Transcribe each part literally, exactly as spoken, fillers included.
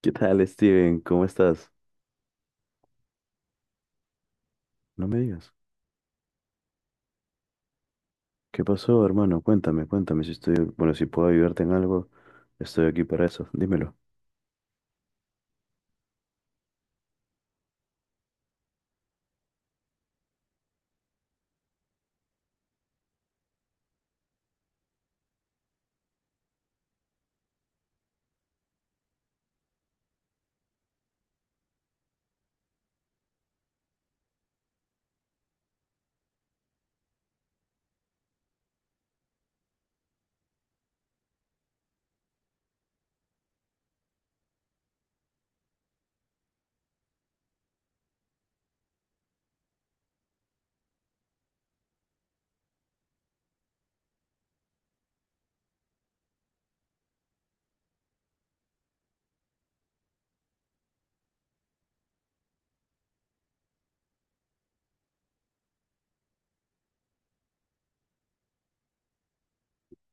¿Qué tal, Steven? ¿Cómo estás? No me digas. ¿Qué pasó, hermano? Cuéntame, cuéntame si estoy, bueno, si puedo ayudarte en algo, estoy aquí para eso. Dímelo.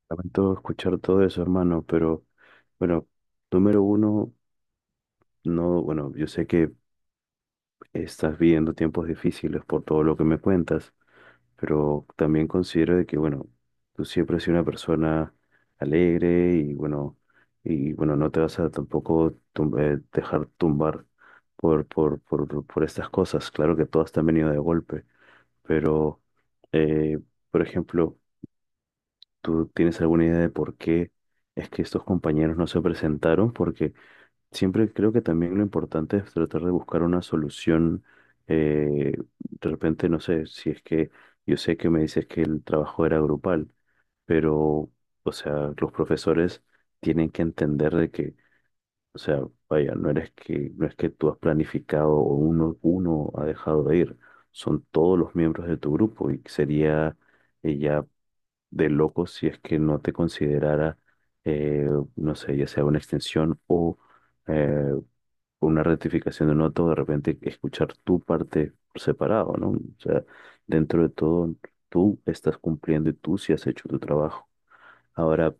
Lamento escuchar todo eso, hermano, pero bueno, número uno, no, bueno, yo sé que estás viviendo tiempos difíciles por todo lo que me cuentas, pero también considero de que, bueno, tú siempre has sido una persona alegre y, bueno, y, bueno, no te vas a tampoco tum- eh, dejar tumbar por, por, por, por estas cosas. Claro que todas te han venido de golpe, pero, eh, por ejemplo, ¿tú tienes alguna idea de por qué es que estos compañeros no se presentaron? Porque siempre creo que también lo importante es tratar de buscar una solución. eh, de repente, no sé, si es que yo sé que me dices que el trabajo era grupal, pero, o sea, los profesores tienen que entender de que, o sea, vaya, no eres que, no es que tú has planificado o uno, uno ha dejado de ir, son todos los miembros de tu grupo y sería eh, ya de loco si es que no te considerara, eh, no sé, ya sea una extensión o... eh, con una rectificación de un otro, de repente escuchar tu parte por separado, ¿no? O sea, dentro de todo, tú estás cumpliendo y tú sí has hecho tu trabajo. Ahora,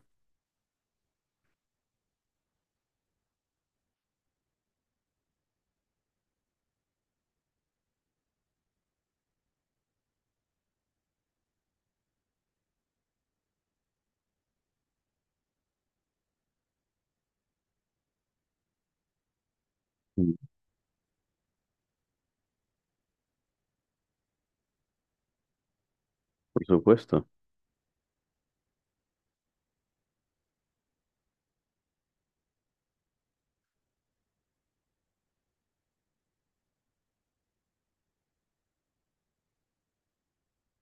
mm, por supuesto,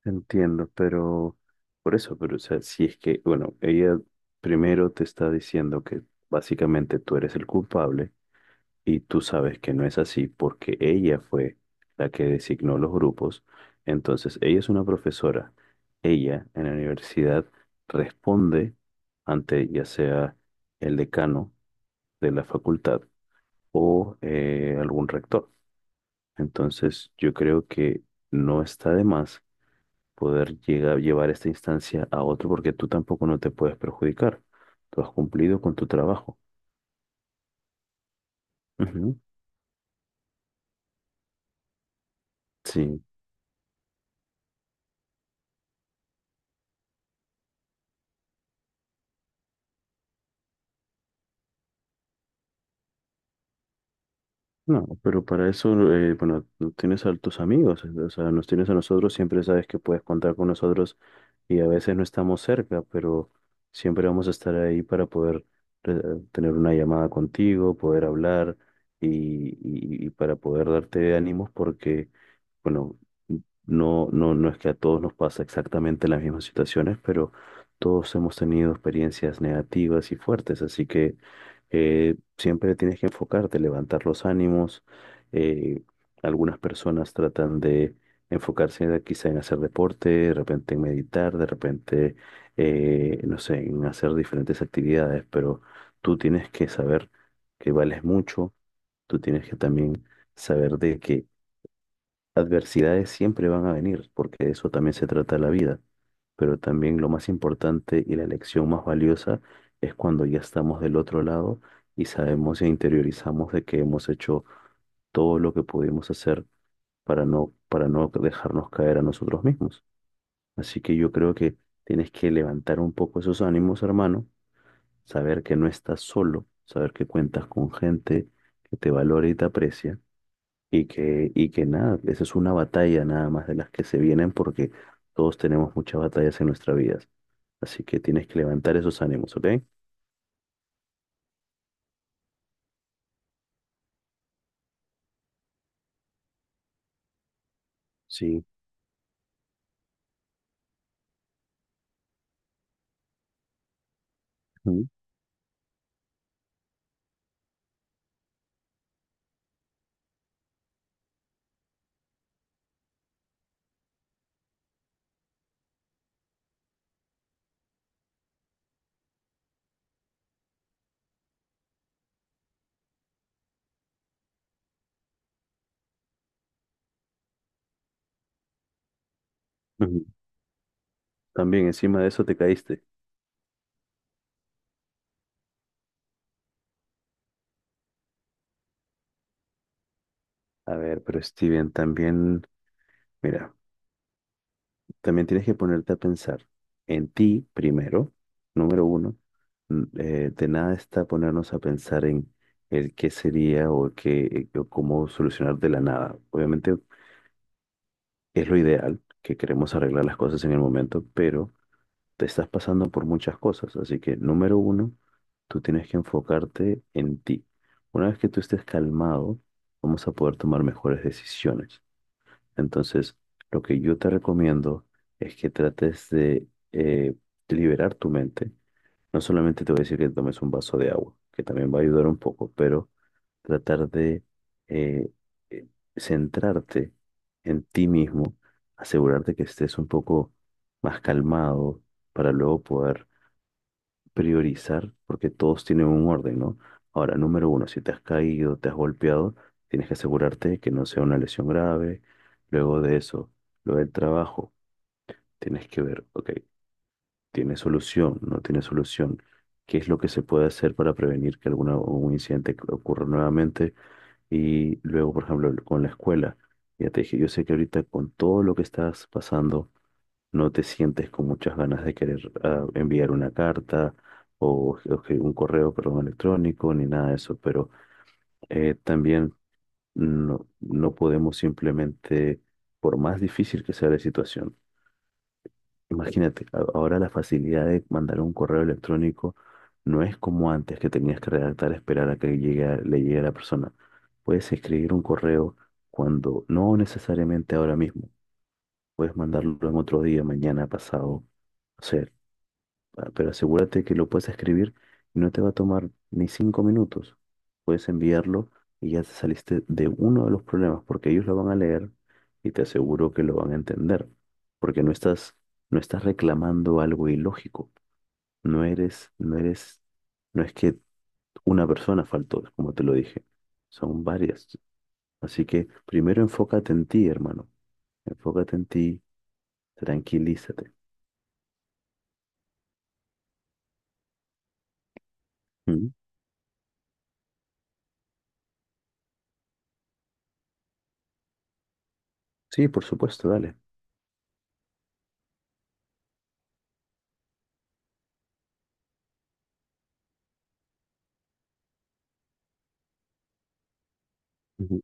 entiendo, pero por eso, pero o sea, si es que, bueno, ella primero te está diciendo que básicamente tú eres el culpable. Y tú sabes que no es así porque ella fue la que designó los grupos. Entonces, ella es una profesora. Ella en la universidad responde ante ya sea el decano de la facultad o eh, algún rector. Entonces, yo creo que no está de más poder llegar, llevar esta instancia a otro porque tú tampoco no te puedes perjudicar. Tú has cumplido con tu trabajo. Ujú. Sí. No, pero para eso, eh, bueno, tú tienes a tus amigos, o sea, nos tienes a nosotros, siempre sabes que puedes contar con nosotros y a veces no estamos cerca, pero siempre vamos a estar ahí para poder eh, tener una llamada contigo, poder hablar y, y- y para poder darte ánimos porque, bueno, no, no, no es que a todos nos pasa exactamente las mismas situaciones, pero todos hemos tenido experiencias negativas y fuertes, así que eh, siempre tienes que enfocarte, levantar los ánimos. eh, Algunas personas tratan de enfocarse de- quizá en hacer deporte, de repente en meditar, de repente, eh, no sé, en hacer diferentes actividades, pero tú tienes que saber que vales mucho, tú tienes que también saber de que adversidades siempre van a venir, porque de eso también se trata la vida. Pero también lo más importante y la lección más valiosa es cuando ya estamos del otro lado y sabemos e interiorizamos de que hemos hecho todo lo que pudimos hacer para no, para no dejarnos caer a nosotros mismos. Así que yo creo que tienes que levantar un poco esos ánimos, hermano, saber que no estás solo, saber que cuentas con gente que te valora y te aprecia y que, y que nada, esa es una batalla nada más de las que se vienen porque todos tenemos muchas batallas en nuestra vida. Así que tienes que levantar esos ánimos, ¿ok? Sí. Ujú. Ujú. También encima de eso te caíste. A ver, pero Steven, también, mira, también tienes que ponerte a pensar en ti primero, número uno. N- eh, de nada está ponernos a pensar en el qué sería o qué, o cómo solucionar de la nada. Obviamente es lo ideal, que queremos arreglar las cosas en el momento, pero te estás pasando por muchas cosas. Así que, número uno, tú tienes que enfocarte en ti. Una vez que tú estés calmado, vamos a poder tomar mejores decisiones. Entonces, lo que yo te recomiendo es que trates de eh, liberar tu mente. No solamente te voy a decir que tomes un vaso de agua, que también va a ayudar un poco, pero tratar de eh, eh, centrarte en ti mismo, asegurarte que estés un poco más calmado para luego poder priorizar, porque todos tienen un orden, ¿no? Ahora, número uno, si te has caído, te has golpeado, tienes que asegurarte de que no sea una lesión grave. Luego de eso, lo del trabajo, tienes que ver, ok, ¿tiene solución? ¿No tiene solución? ¿Qué es lo que se puede hacer para prevenir que alguna, un incidente ocurra nuevamente? Y luego, por ejemplo, con la escuela, ya te dije, yo sé que ahorita con todo lo que estás pasando, no te sientes con muchas ganas de querer ah, enviar una carta o, o que- un correo, perdón, electrónico, ni nada de eso, pero eh, también no, no podemos simplemente, por más difícil que sea la situación, imagínate, a- ahora la facilidad de mandar un correo electrónico no es como antes que tenías que redactar, esperar a que llegue a- le llegue a la persona. Puedes escribir un correo cuando no necesariamente ahora mismo, puedes mandarlo en otro día, mañana, pasado. Ah, Pero asegúrate que lo puedes escribir y no te va a tomar ni cinco minutos. Puedes enviarlo y ya te saliste de uno de los problemas, porque ellos lo van a leer y te aseguro que lo van a entender, porque no estás, no estás reclamando algo ilógico. No eres, no eres, no es que una persona faltó, como te lo dije, son varias. Así que primero enfócate en ti, hermano. Enfócate en ti, tranquilízate. ¿Mm? Sí, por supuesto, dale. Ujú,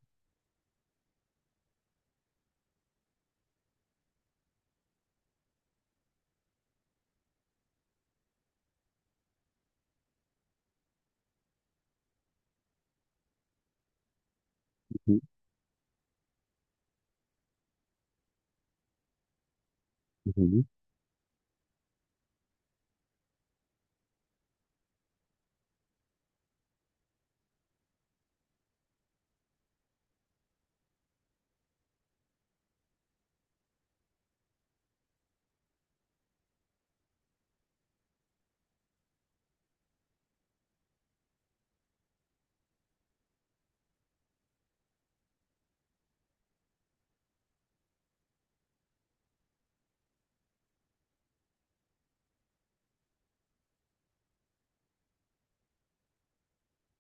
ujú, ujú.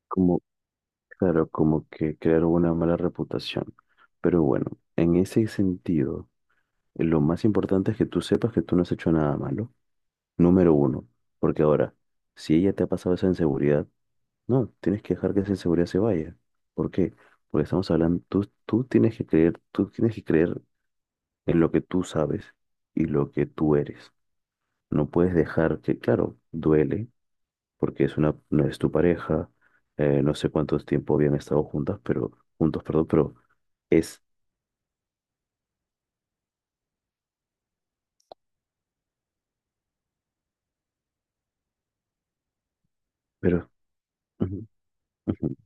Como, claro, como que crearon una mala reputación. Pero bueno, en ese sentido, lo más importante es que tú sepas que tú no has hecho nada malo. Número uno, porque ahora, si ella te ha pasado esa inseguridad, no, tienes que dejar que esa inseguridad se vaya. ¿Por qué? Porque estamos hablando, tú, tú tienes que creer, tú tienes que creer en lo que tú sabes y lo que tú eres. No puedes dejar que, claro, duele, porque es una, no es tu pareja, eh, no sé cuánto tiempo habían estado juntas, pero juntos, perdón, pero es, pero, ujú, ujú,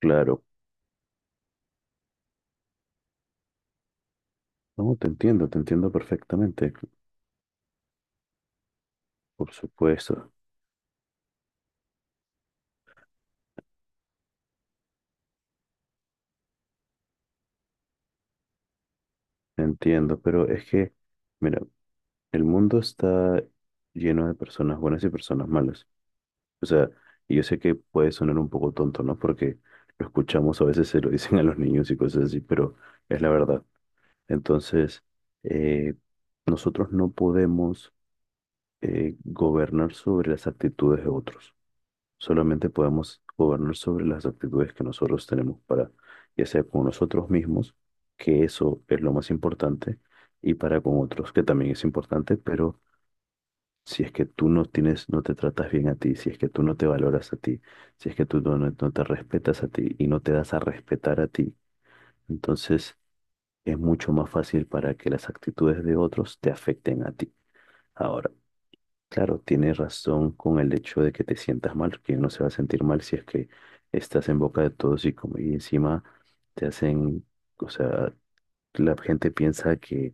claro, no, te entiendo, te entiendo perfectamente, por supuesto, te entiendo, pero es que, mira, el mundo está lleno de personas buenas y personas malas. O sea, y yo sé que puede sonar un poco tonto, ¿no? Porque lo escuchamos, a veces se lo dicen a los niños y cosas así, pero es la verdad. Entonces, eh, nosotros no podemos eh, gobernar sobre las actitudes de otros. Solamente podemos gobernar sobre las actitudes que nosotros tenemos para, ya sea con nosotros mismos, que eso es lo más importante, y para con otros, que también es importante, pero si es que tú no tienes, no te tratas bien a ti, si es que tú no te valoras a ti, si es que tú no, no no te respetas a ti y no te das a respetar a ti, entonces es mucho más fácil para que las actitudes de otros te afecten a ti. Ahora. Claro, tienes razón con el hecho de que te sientas mal, porque uno se va a sentir mal si es que estás en boca de todos y como y encima te hacen, o sea, la gente piensa que,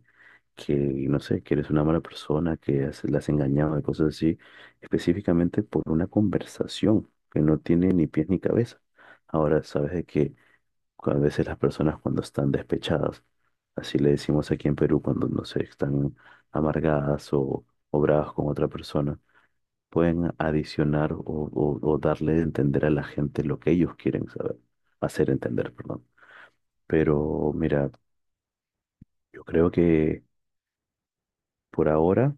que, no sé, que eres una mala persona, que has- la has engañado y cosas así, específicamente por una conversación que no tiene ni pies ni cabeza. Ahora, sabes de que a veces las personas cuando están despechadas, así le decimos aquí en Perú, cuando no sé, están amargadas o, o bravas con otra persona pueden adicionar o, o- o darle a entender a la gente lo que ellos quieren saber, hacer entender, perdón. Pero mira, yo creo que por ahora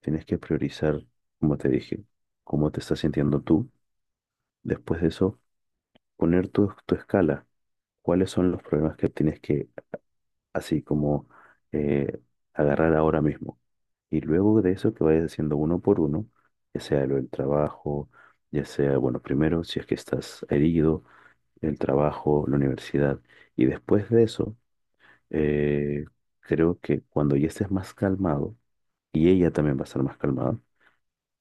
tienes que priorizar, como te dije, cómo te estás sintiendo tú. Después de eso, poner tu, tu escala. ¿Cuáles son los problemas que tienes que, así como, eh, agarrar ahora mismo? Y luego de eso, que vayas haciendo uno por uno, ya sea lo del trabajo, ya sea, bueno, primero, si es que estás herido el trabajo, la universidad. Y después de eso, eh, creo que cuando ya estés más calmado, y ella también va a estar más calmada,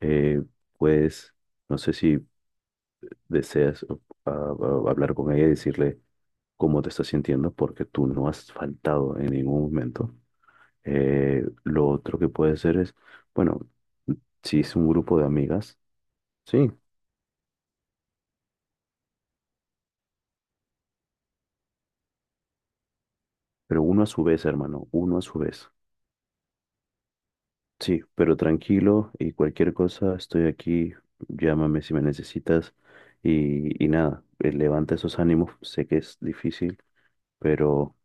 eh, pues no sé si deseas o- a- a- hablar con ella y decirle cómo te estás sintiendo, porque tú no has faltado en ningún momento. Eh, lo otro que puede ser es, bueno, si es un grupo de amigas, sí, pero uno a su vez, hermano, uno a su vez. Sí, pero tranquilo y cualquier cosa, estoy aquí, llámame si me necesitas y, y nada, eh, levanta esos ánimos, sé que es difícil, pero